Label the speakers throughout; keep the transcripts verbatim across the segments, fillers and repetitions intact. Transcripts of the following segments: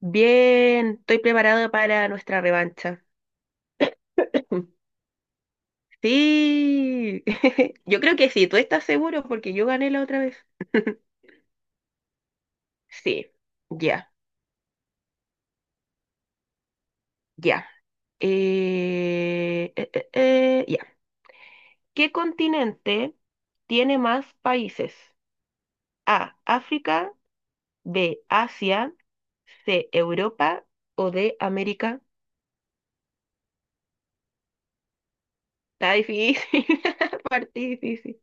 Speaker 1: Bien, estoy preparado para nuestra revancha. Sí, yo creo que sí, tú estás seguro porque yo gané la otra vez. Sí, ya, ya. Eh, eh, eh, eh, ya. ¿Qué continente tiene más países? A, África, B, Asia, C, Europa o D, América. Está difícil, parte difícil.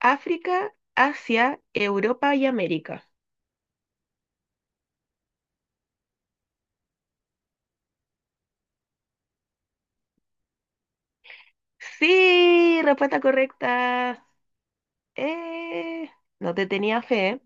Speaker 1: África, Asia, Europa y América. Sí, respuesta correcta. Eh, no te tenía fe, ¿eh?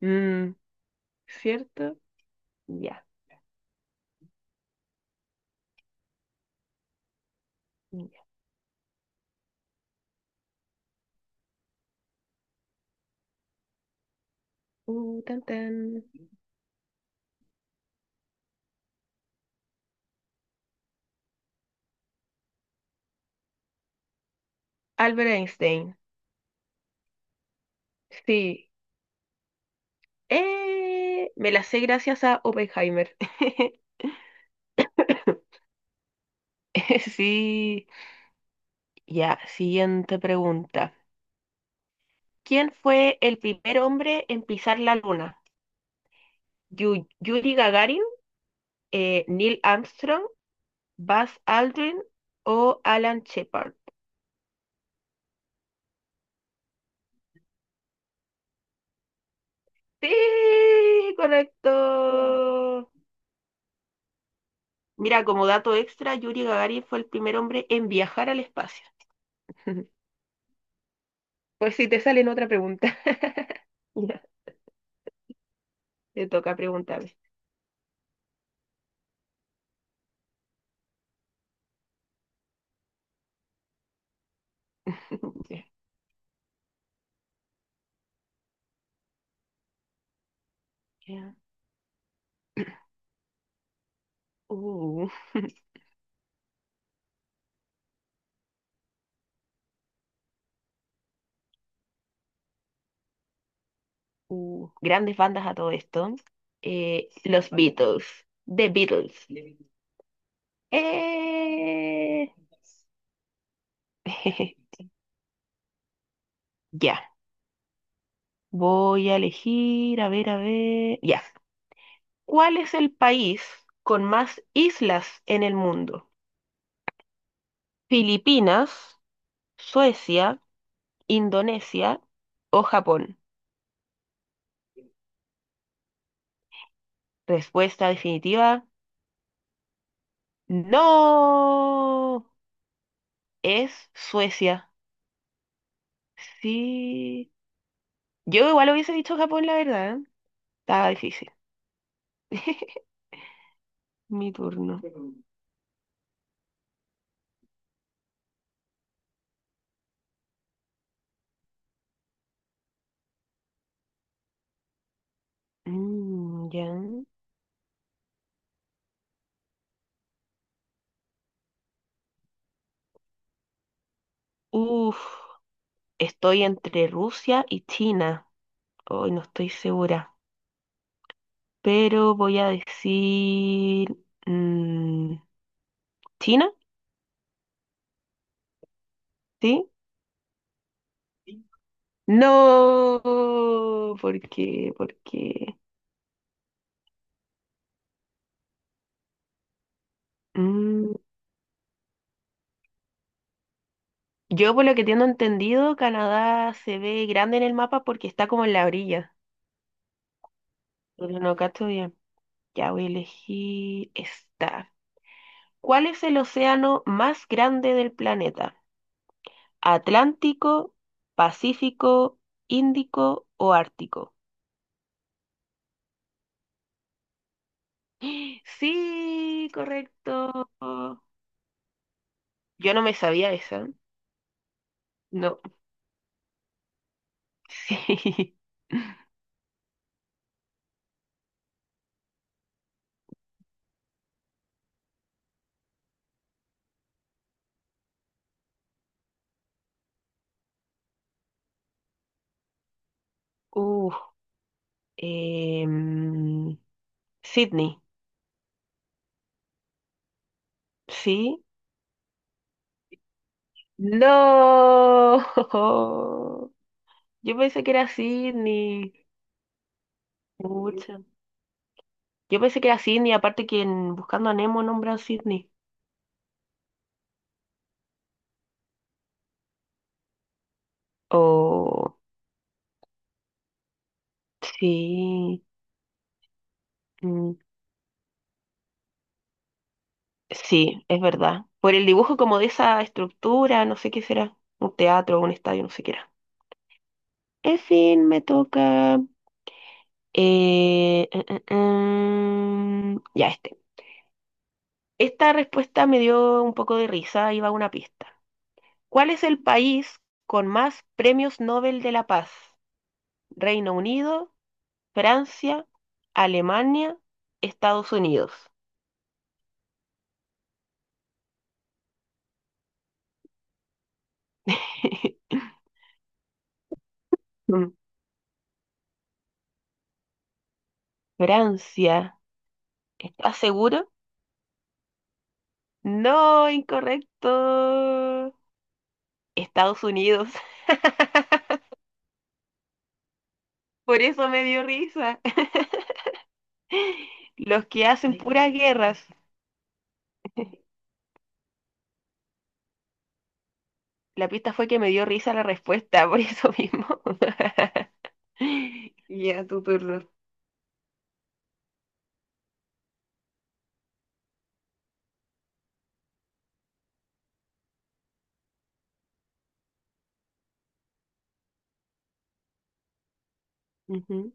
Speaker 1: Mm, ¿cierto? Ya. Ya. Uh, tan, tan. Albert Einstein. Sí. Eh, me la sé gracias a Oppenheimer. Sí. Ya, siguiente pregunta. ¿Quién fue el primer hombre en pisar la luna? Yu- ¿Yuri Gagarin, eh, Neil Armstrong, Buzz Aldrin o Alan Shepard? Sí, correcto. Mira, como dato extra, Yuri Gagarin fue el primer hombre en viajar al espacio. Pues si te salen otra pregunta. Ya, te toca preguntarme. Ya, ya. Uh, uh, grandes bandas a todo esto. Eh, Los Beatles. The Beatles. Eh, Ya. Voy a elegir, a ver, a ver. Ya. ¿Cuál es el país con más islas en el mundo? ¿Filipinas, Suecia, Indonesia o Japón? Respuesta definitiva, no, es Suecia. Sí, yo igual hubiese dicho Japón, la verdad. ¿Eh? Estaba difícil. Mi turno. Mm, ya. Uf, estoy entre Rusia y China. Hoy no estoy segura, pero voy a decir mm, China, ¿sí? No, porque, porque mm, yo por lo que tengo entendido, Canadá se ve grande en el mapa porque está como en la orilla, pero no cacho bien. Ya voy a elegir esta. ¿Cuál es el océano más grande del planeta? ¿Atlántico, Pacífico, Índico o Ártico? Sí, correcto. Yo no me sabía esa. No, sí. Uh, em, Sydney, ¿sí? No. Yo pensé que era Sydney. Pucha. Yo pensé que era Sydney, aparte que en Buscando a Nemo nombran Sydney. Oh, sí. Mm, sí, es verdad. Por el dibujo como de esa estructura, no sé qué será. Un teatro, un estadio, no sé qué era. En fin, me toca. Eh, eh, eh, eh, ya este. Esta respuesta me dio un poco de risa, ahí va una pista. ¿Cuál es el país con más premios Nobel de la Paz? ¿Reino Unido, Francia, Alemania, Estados Unidos? Mm, Francia. ¿Estás seguro? No, incorrecto. Estados Unidos. Por eso me dio risa. Los que hacen puras guerras. La pista fue que me dio risa la respuesta, por eso mismo. Ya, tu turno. Ujú.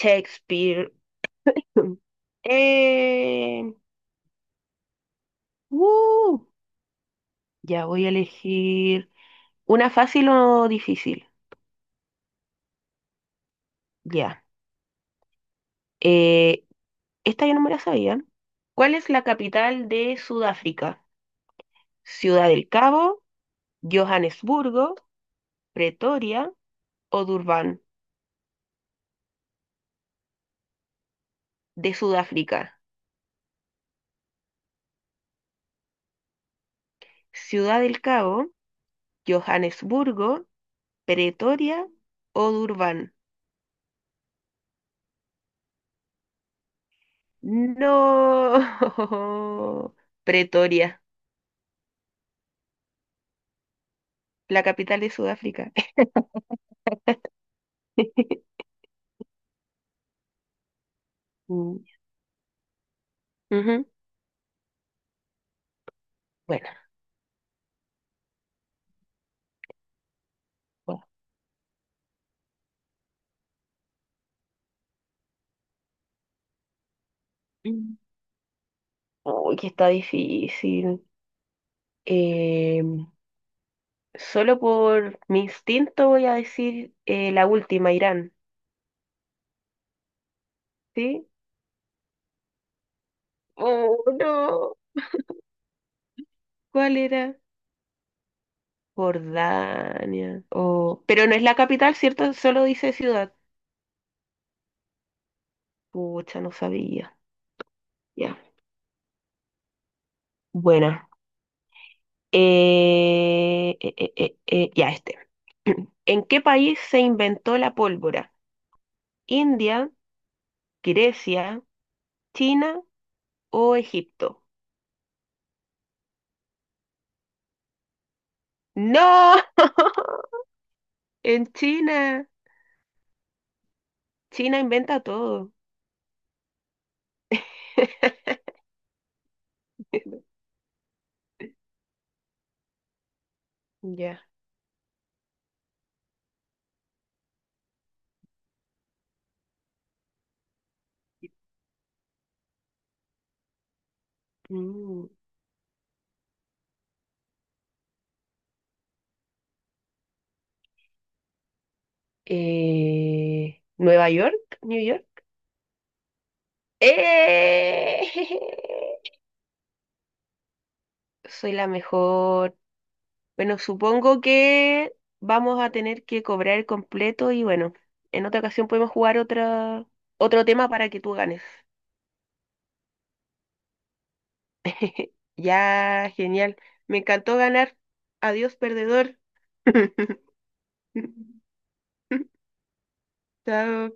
Speaker 1: Shakespeare. Eh, uh, ya voy a elegir una fácil o difícil. Ya. Eh, Esta yo no me la sabía. ¿Cuál es la capital de Sudáfrica? ¿Ciudad del Cabo, Johannesburgo, Pretoria o Durban de Sudáfrica? Ciudad del Cabo, Johannesburgo, Pretoria o Durban. No. Pretoria, la capital de Sudáfrica. Mm, ujú. Bueno, bueno. Mm. Uy, que está difícil. Eh, solo por mi instinto voy a decir eh, la última, Irán. ¿Sí? Oh, no. ¿Cuál era? Jordania. Oh, pero no es la capital, ¿cierto? Solo dice ciudad. Pucha, no sabía. Ya. Buena. Eh, eh, eh, eh, eh, ya este. ¿En qué país se inventó la pólvora? ¿India, Grecia, China o Egipto? ¡No! En China. China inventa todo. Ya. Mm. Eh, ¿Nueva York? ¿New York? ¡Eh! Soy la mejor. Bueno, supongo que vamos a tener que cobrar el completo y bueno, en otra ocasión podemos jugar otra, otro tema para que tú ganes. Ya, genial. Me encantó ganar. Adiós, perdedor. Chao.